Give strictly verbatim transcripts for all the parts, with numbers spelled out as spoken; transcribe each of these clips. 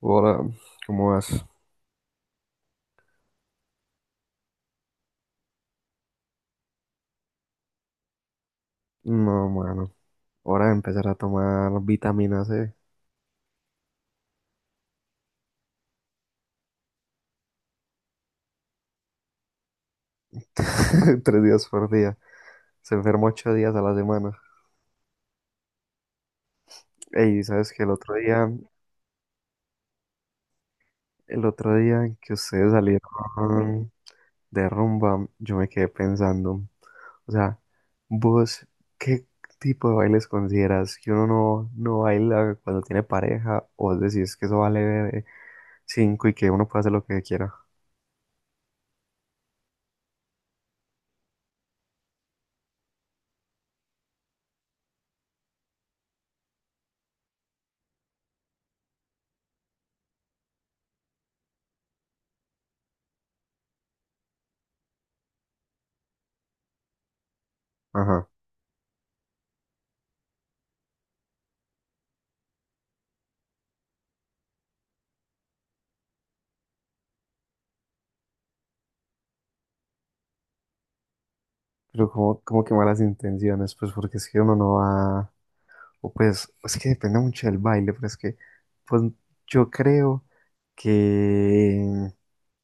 Hola, ¿cómo vas? No, mano. Hora de empezar a tomar vitamina C. Tres días por día. Se enferma ocho días a la semana. Ey, ¿sabes que El otro día, el otro día que ustedes salieron de rumba, yo me quedé pensando? O sea, vos, ¿qué tipo de bailes consideras que uno no, no baila cuando tiene pareja? O vos decís que eso vale eh, cinco y que uno puede hacer lo que quiera. Ajá. Pero como, como que malas intenciones, pues porque es que uno no va, o pues es que depende mucho del baile, pero es que pues yo creo que,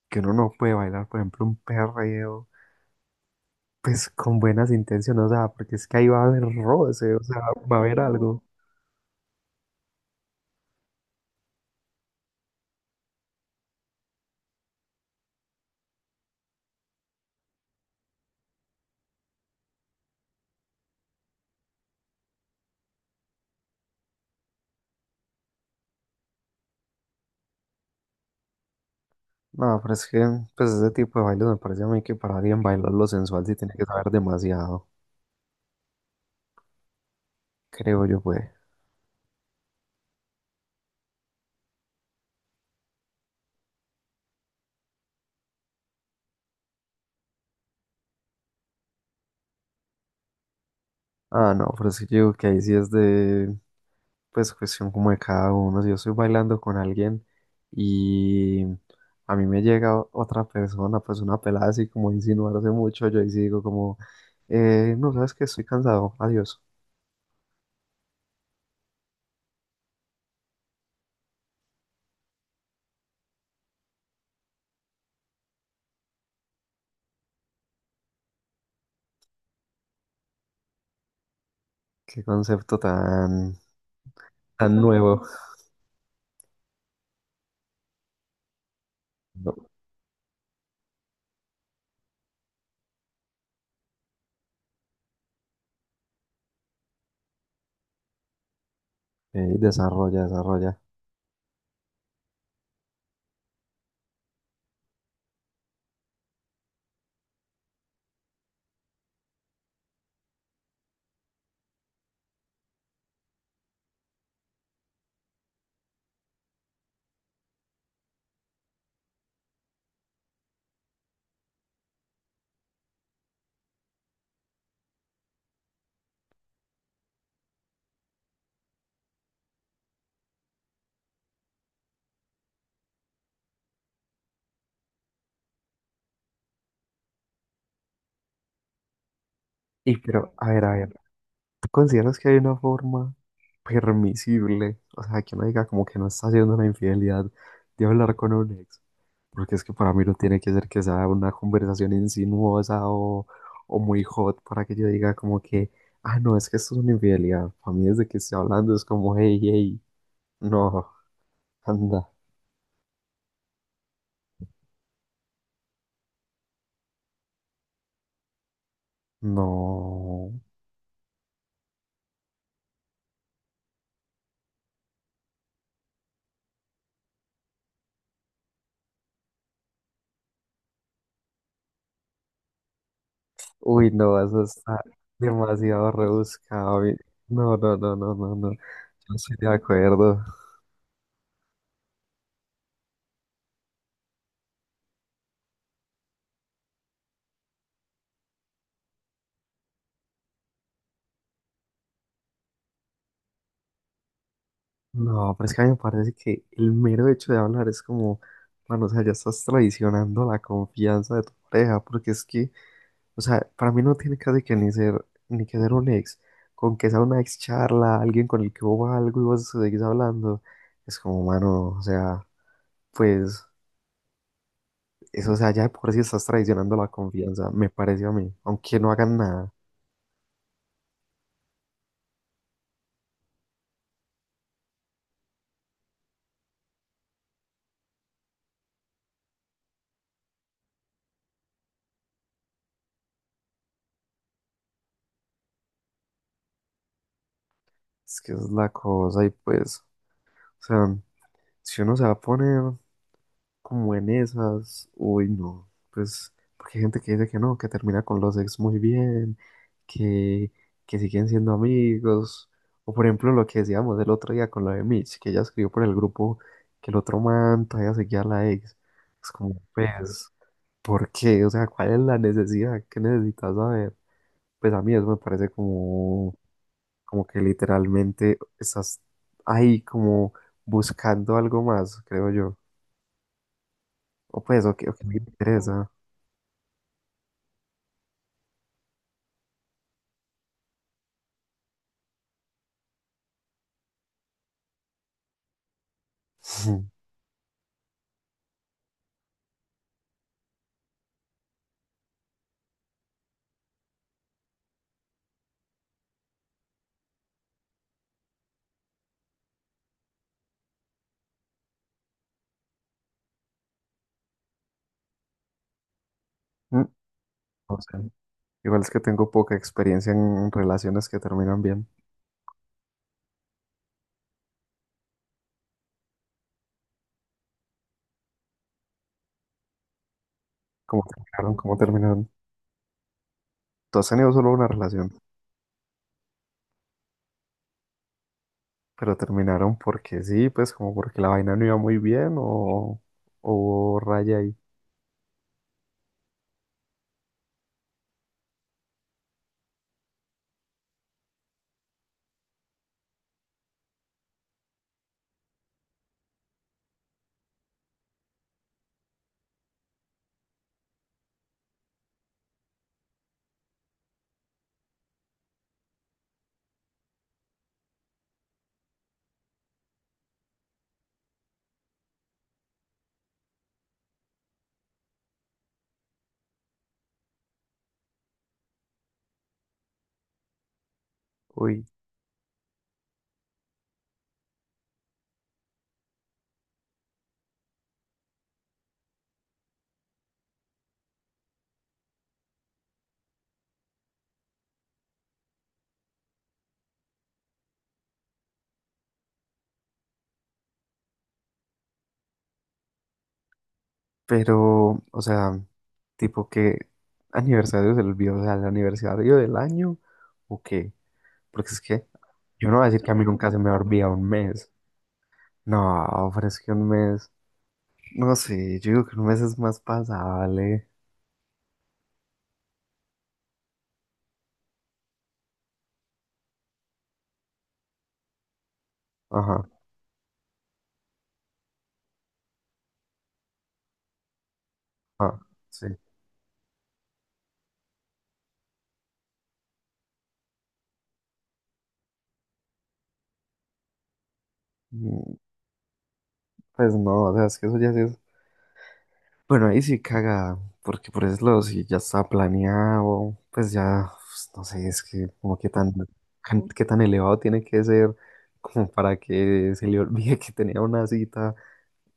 que uno no puede bailar, por ejemplo, un perreo, pues con buenas intenciones, o sea, porque es que ahí va a haber roce, o sea, va a haber algo. No. No, pero es que pues ese tipo de bailes me parece a mí que para alguien bailarlo sensual sí tiene que saber demasiado, creo yo, pues. Ah, no, pero es que yo digo que ahí sí es de pues cuestión como de cada uno. Si yo estoy bailando con alguien y a mí me llega otra persona, pues una pelada así como a insinuarse mucho, yo ahí sí digo como, eh, no, sabes que estoy cansado, adiós. Qué concepto tan, tan nuevo. No, eh, desarrolla, desarrolla. Y pero, a ver, a ver, ¿tú consideras que hay una forma permisible? O sea, que uno diga como que no está haciendo una infidelidad de hablar con un ex. Porque es que para mí no tiene que ser que sea una conversación insinuosa o, o muy hot para que yo diga como que, ah, no, es que esto es una infidelidad. Para mí desde que estoy hablando es como, hey, hey, no, anda, no. Uy, no, eso está demasiado rebuscado. a mí- No, no, no, no, no, no. Yo no estoy de acuerdo. No, pero es que a mí me parece que el mero hecho de hablar es como, bueno, o sea, ya estás traicionando la confianza de tu pareja, porque es que. O sea, para mí no tiene casi que ni ser, ni que ser un ex. Con que sea una ex charla, alguien con el que hubo algo y vos seguís hablando, es como, mano, o sea, pues, eso, o sea, ya de por sí estás traicionando la confianza, me pareció a mí, aunque no hagan nada. Es que es la cosa y pues, o sea, si uno se va a poner como en esas, uy, no, pues, porque hay gente que dice que no, que termina con los ex muy bien, que, que siguen siendo amigos, o por ejemplo lo que decíamos el otro día con lo de Mitch, que ella escribió por el grupo que el otro man todavía seguía a la ex, es como, pues, ¿por qué? O sea, ¿cuál es la necesidad? ¿Qué necesitas saber? Pues a mí eso me parece como, como que literalmente estás ahí como buscando algo más, creo yo, o pues, o que, o que me interesa. Ujú. Mm. No sé. Igual es que tengo poca experiencia en relaciones que terminan bien. ¿Cómo terminaron? ¿Cómo terminaron? ¿Tú has tenido solo una relación? ¿Pero terminaron porque sí? Pues como porque la vaina no iba muy bien o, o hubo raya ahí. Uy, pero, o sea, tipo que aniversario se le olvidó, o sea, el aniversario del año o qué. Porque es que yo no voy a decir que a mí nunca se me olvida un mes. No, pero es que un mes, no sé, yo digo que un mes es más pasable. Ajá, ajá, sí. Mm. Pues no, o sea, es que eso ya sí es. Bueno, ahí sí caga, porque por eso si ya está planeado, pues ya, pues, no sé, es que como que tan, can- qué tan elevado tiene que ser como para que se le olvide que tenía una cita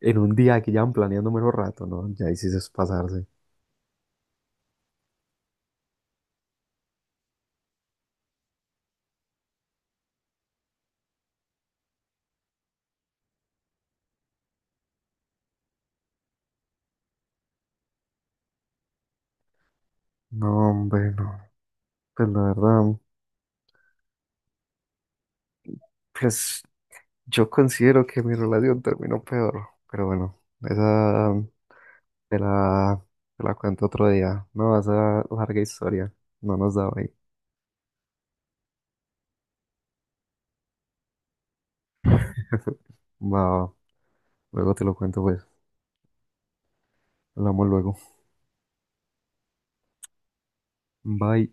en un día que llevan planeando menos rato, ¿no? Ya ahí sí eso es pasarse. No, hombre, no. Pues la verdad, pues yo considero que mi relación terminó peor, pero bueno, esa. Te la, te la cuento otro día. No, esa larga historia. No nos da hoy. Va, va. Luego te lo cuento, pues. Hablamos luego. Bye.